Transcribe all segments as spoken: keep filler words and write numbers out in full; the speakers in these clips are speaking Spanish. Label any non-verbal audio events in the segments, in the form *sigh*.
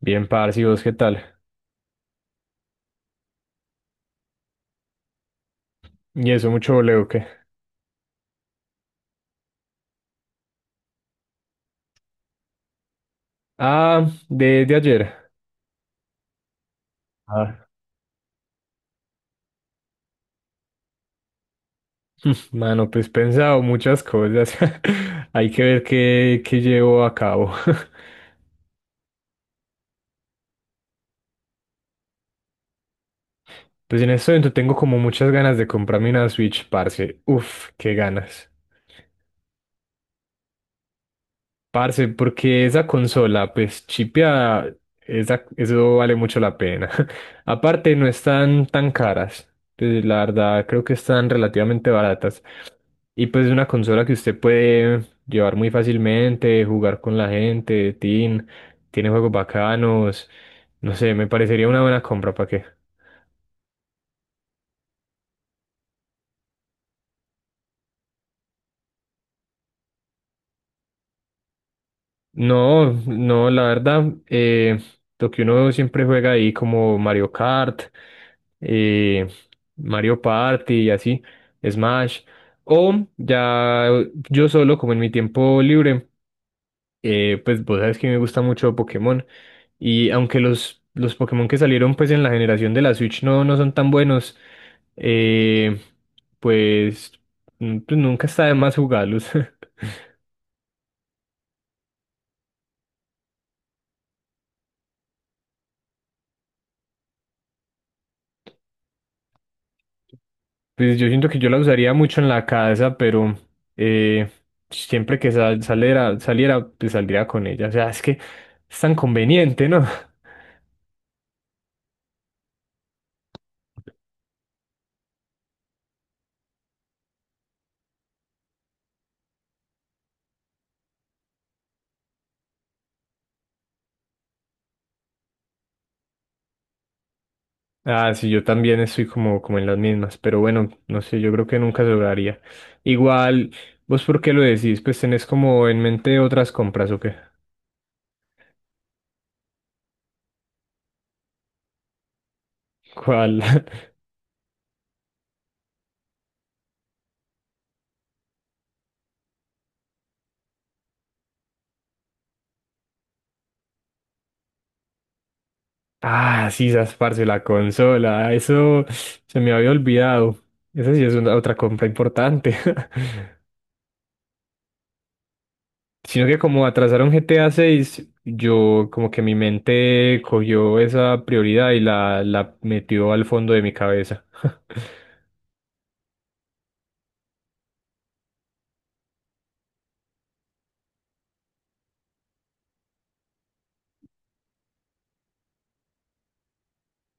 Bien, parce, ¿y vos qué tal? ¿Y eso mucho voleo o qué? Ah, de, de ayer. Ah, *laughs* mano, pues pensado muchas cosas. *laughs* Hay que ver qué, qué llevo a cabo. *laughs* Pues en este momento tengo como muchas ganas de comprarme una Switch, parce. Uf, qué ganas. Parce, porque esa consola, pues chipia, esa, eso vale mucho la pena. *laughs* Aparte, no están tan caras. Pues, la verdad, creo que están relativamente baratas. Y pues es una consola que usted puede llevar muy fácilmente, jugar con la gente, teen, tiene juegos bacanos. No sé, me parecería una buena compra, ¿para qué? No, no, la verdad, eh, lo que uno siempre juega ahí como Mario Kart, eh, Mario Party y así, Smash, o ya yo solo, como en mi tiempo libre, eh, pues vos sabes que me gusta mucho Pokémon, y aunque los, los Pokémon que salieron pues en la generación de la Switch no, no son tan buenos, eh, pues, n- pues nunca está de más jugarlos. *laughs* Pues yo siento que yo la usaría mucho en la casa, pero eh, siempre que sal- saliera, saliera, pues saldría con ella. O sea, es que es tan conveniente, ¿no? *laughs* Ah, sí, yo también estoy como, como en las mismas, pero bueno, no sé, yo creo que nunca se lograría. Igual, ¿vos por qué lo decís? Pues tenés como en mente otras compras, ¿o qué? ¿Cuál? *laughs* Ah, sí, esas, parce, la consola, eso se me había olvidado. Esa sí es una otra compra importante. *laughs* Sino que como atrasaron G T A seis, yo como que mi mente cogió esa prioridad y la, la metió al fondo de mi cabeza. *laughs*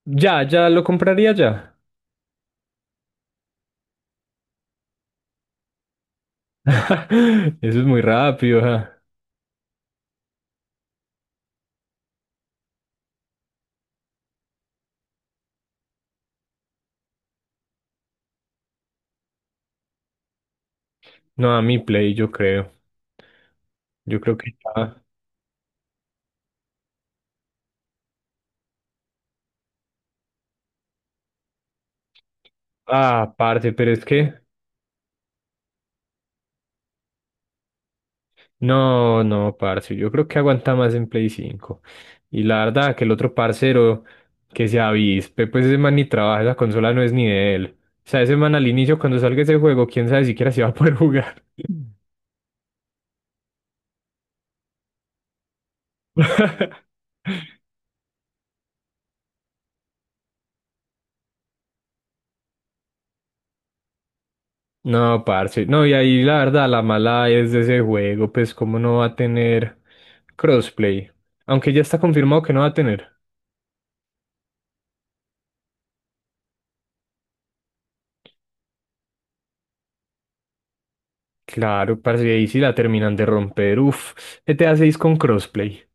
Ya, ya lo compraría ya. *laughs* Eso es muy rápido. Ajá. No, a mi Play, yo creo. Yo creo que ya. Ah, parce, pero es que. No, no, parce, yo creo que aguanta más en Play cinco. Y la verdad que el otro parcero que se avispe, pues ese man ni trabaja, esa consola no es ni de él. O sea, ese man al inicio cuando salga ese juego, quién sabe siquiera si va a poder jugar. *laughs* No, parce, no, y ahí la verdad la mala es de ese juego, pues cómo no va a tener crossplay. Aunque ya está confirmado que no va a tener. Claro, parce, ahí sí la terminan de romper. Uf, G T A seis con crossplay.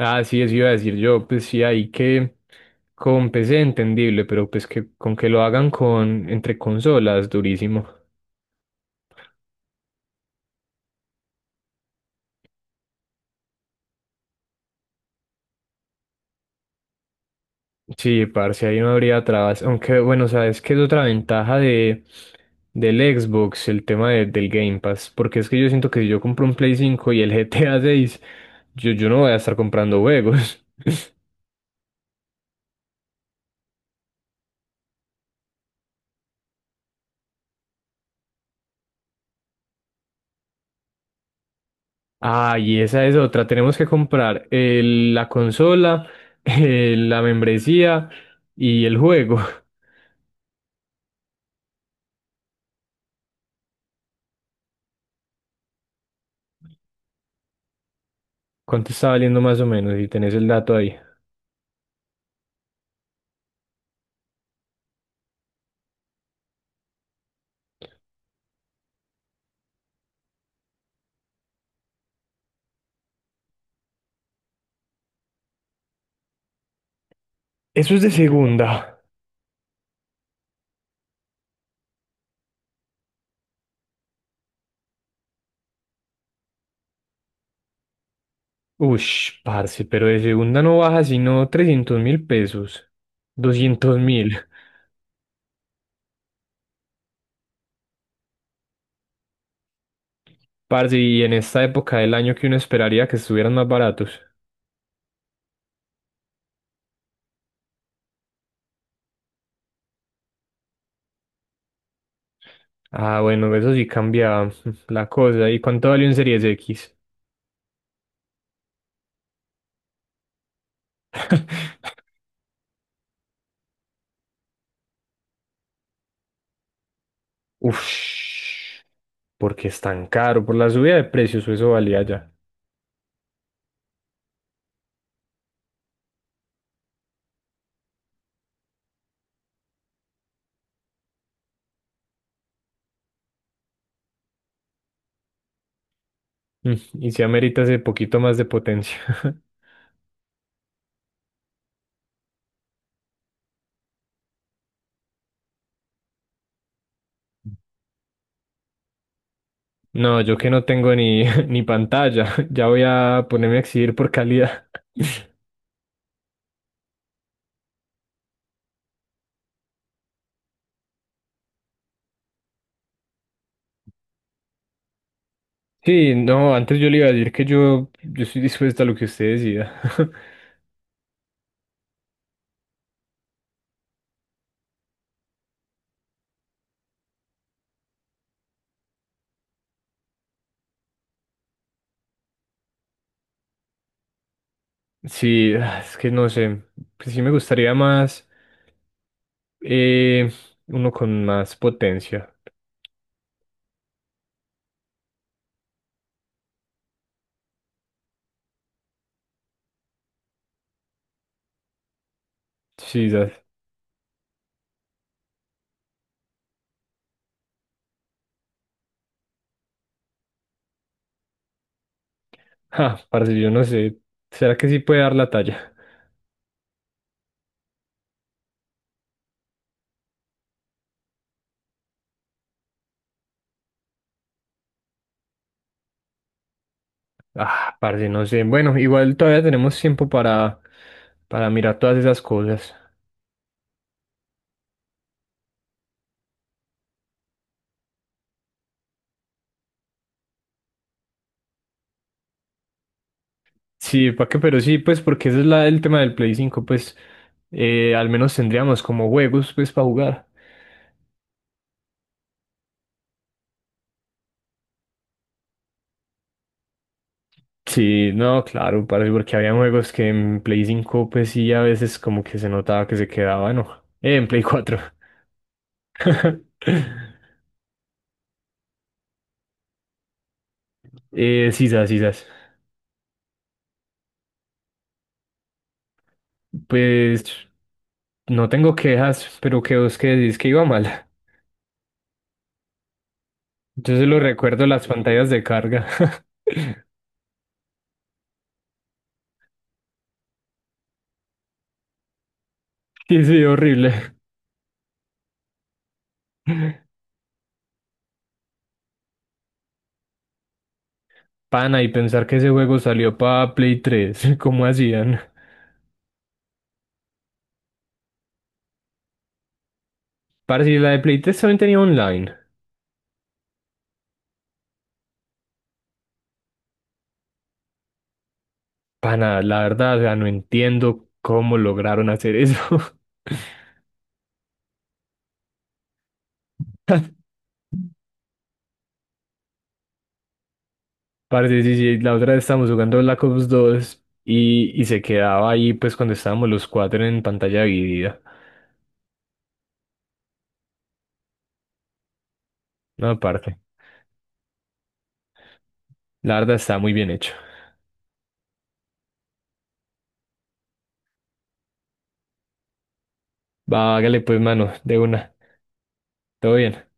Ah, sí, eso iba a decir yo, pues sí, ahí que con P C entendible, pero pues que con que lo hagan con entre consolas, durísimo. Sí, parce, ahí no habría trabas. Aunque bueno, sabes que es otra ventaja de del Xbox, el tema de- del Game Pass, porque es que yo siento que si yo compro un Play cinco y el *laughs* GTA seis, yo, yo no voy a estar comprando juegos. *laughs* Ah, y esa es otra. Tenemos que comprar el- la consola, *laughs* eh, la membresía y el juego. ¿Cuánto está valiendo más o menos? Si tenés el dato ahí. Eso es de segunda. Ush, parce, pero de segunda no baja sino trescientos mil pesos. Doscientos mil. Parce, y en esta época del año que uno esperaría que estuvieran más baratos. Ah, bueno, eso sí cambia *laughs* la cosa. ¿Y cuánto valió en Series X? *laughs* Ush, porque es tan caro. Por la subida de precios, o eso valía ya. *laughs* Mm, y si amerita ese poquito más de potencia. *laughs* No, yo que no tengo ni, *laughs* ni pantalla, *laughs* ya voy a ponerme a exigir por calidad. Sí, no, antes yo le iba a decir que yo, yo estoy dispuesta a lo que usted decida. *laughs* Sí, ah, es que no sé, pues sí me gustaría más, eh, uno con más potencia. Sí, ya- *laughs* ah, parce, yo no sé, ¿será que sí puede dar la talla? Ah, parce, no sé, bueno, igual todavía tenemos tiempo para, para mirar todas esas cosas. Sí, ¿para qué? Pero sí, pues porque ese es la, el tema del Play cinco, pues eh, al menos tendríamos como juegos pues para jugar. Sí, no, claro, parce, porque había juegos que en Play cinco pues sí a veces como que se notaba que se quedaba, no, eh, en Play cuatro. *laughs* Eh, sisas, sisas. Pues no tengo quejas, pero que vos que decís que iba mal. Yo solo recuerdo las pantallas de carga. *laughs* Sí, sí, horrible. Pana, y pensar que ese juego salió para Play tres. *laughs* ¿Cómo hacían? Parce, y la de Play tres también tenía online. Pana, la verdad, o sea, no entiendo cómo lograron hacer eso. *laughs* Parce, sí, sí, la otra vez estábamos jugando Black Ops dos y, y se quedaba ahí, pues, cuando estábamos los cuatro en pantalla dividida. No, aparte, la verdad está muy bien hecho. Va, hágale, pues, mano, de una. Todo bien.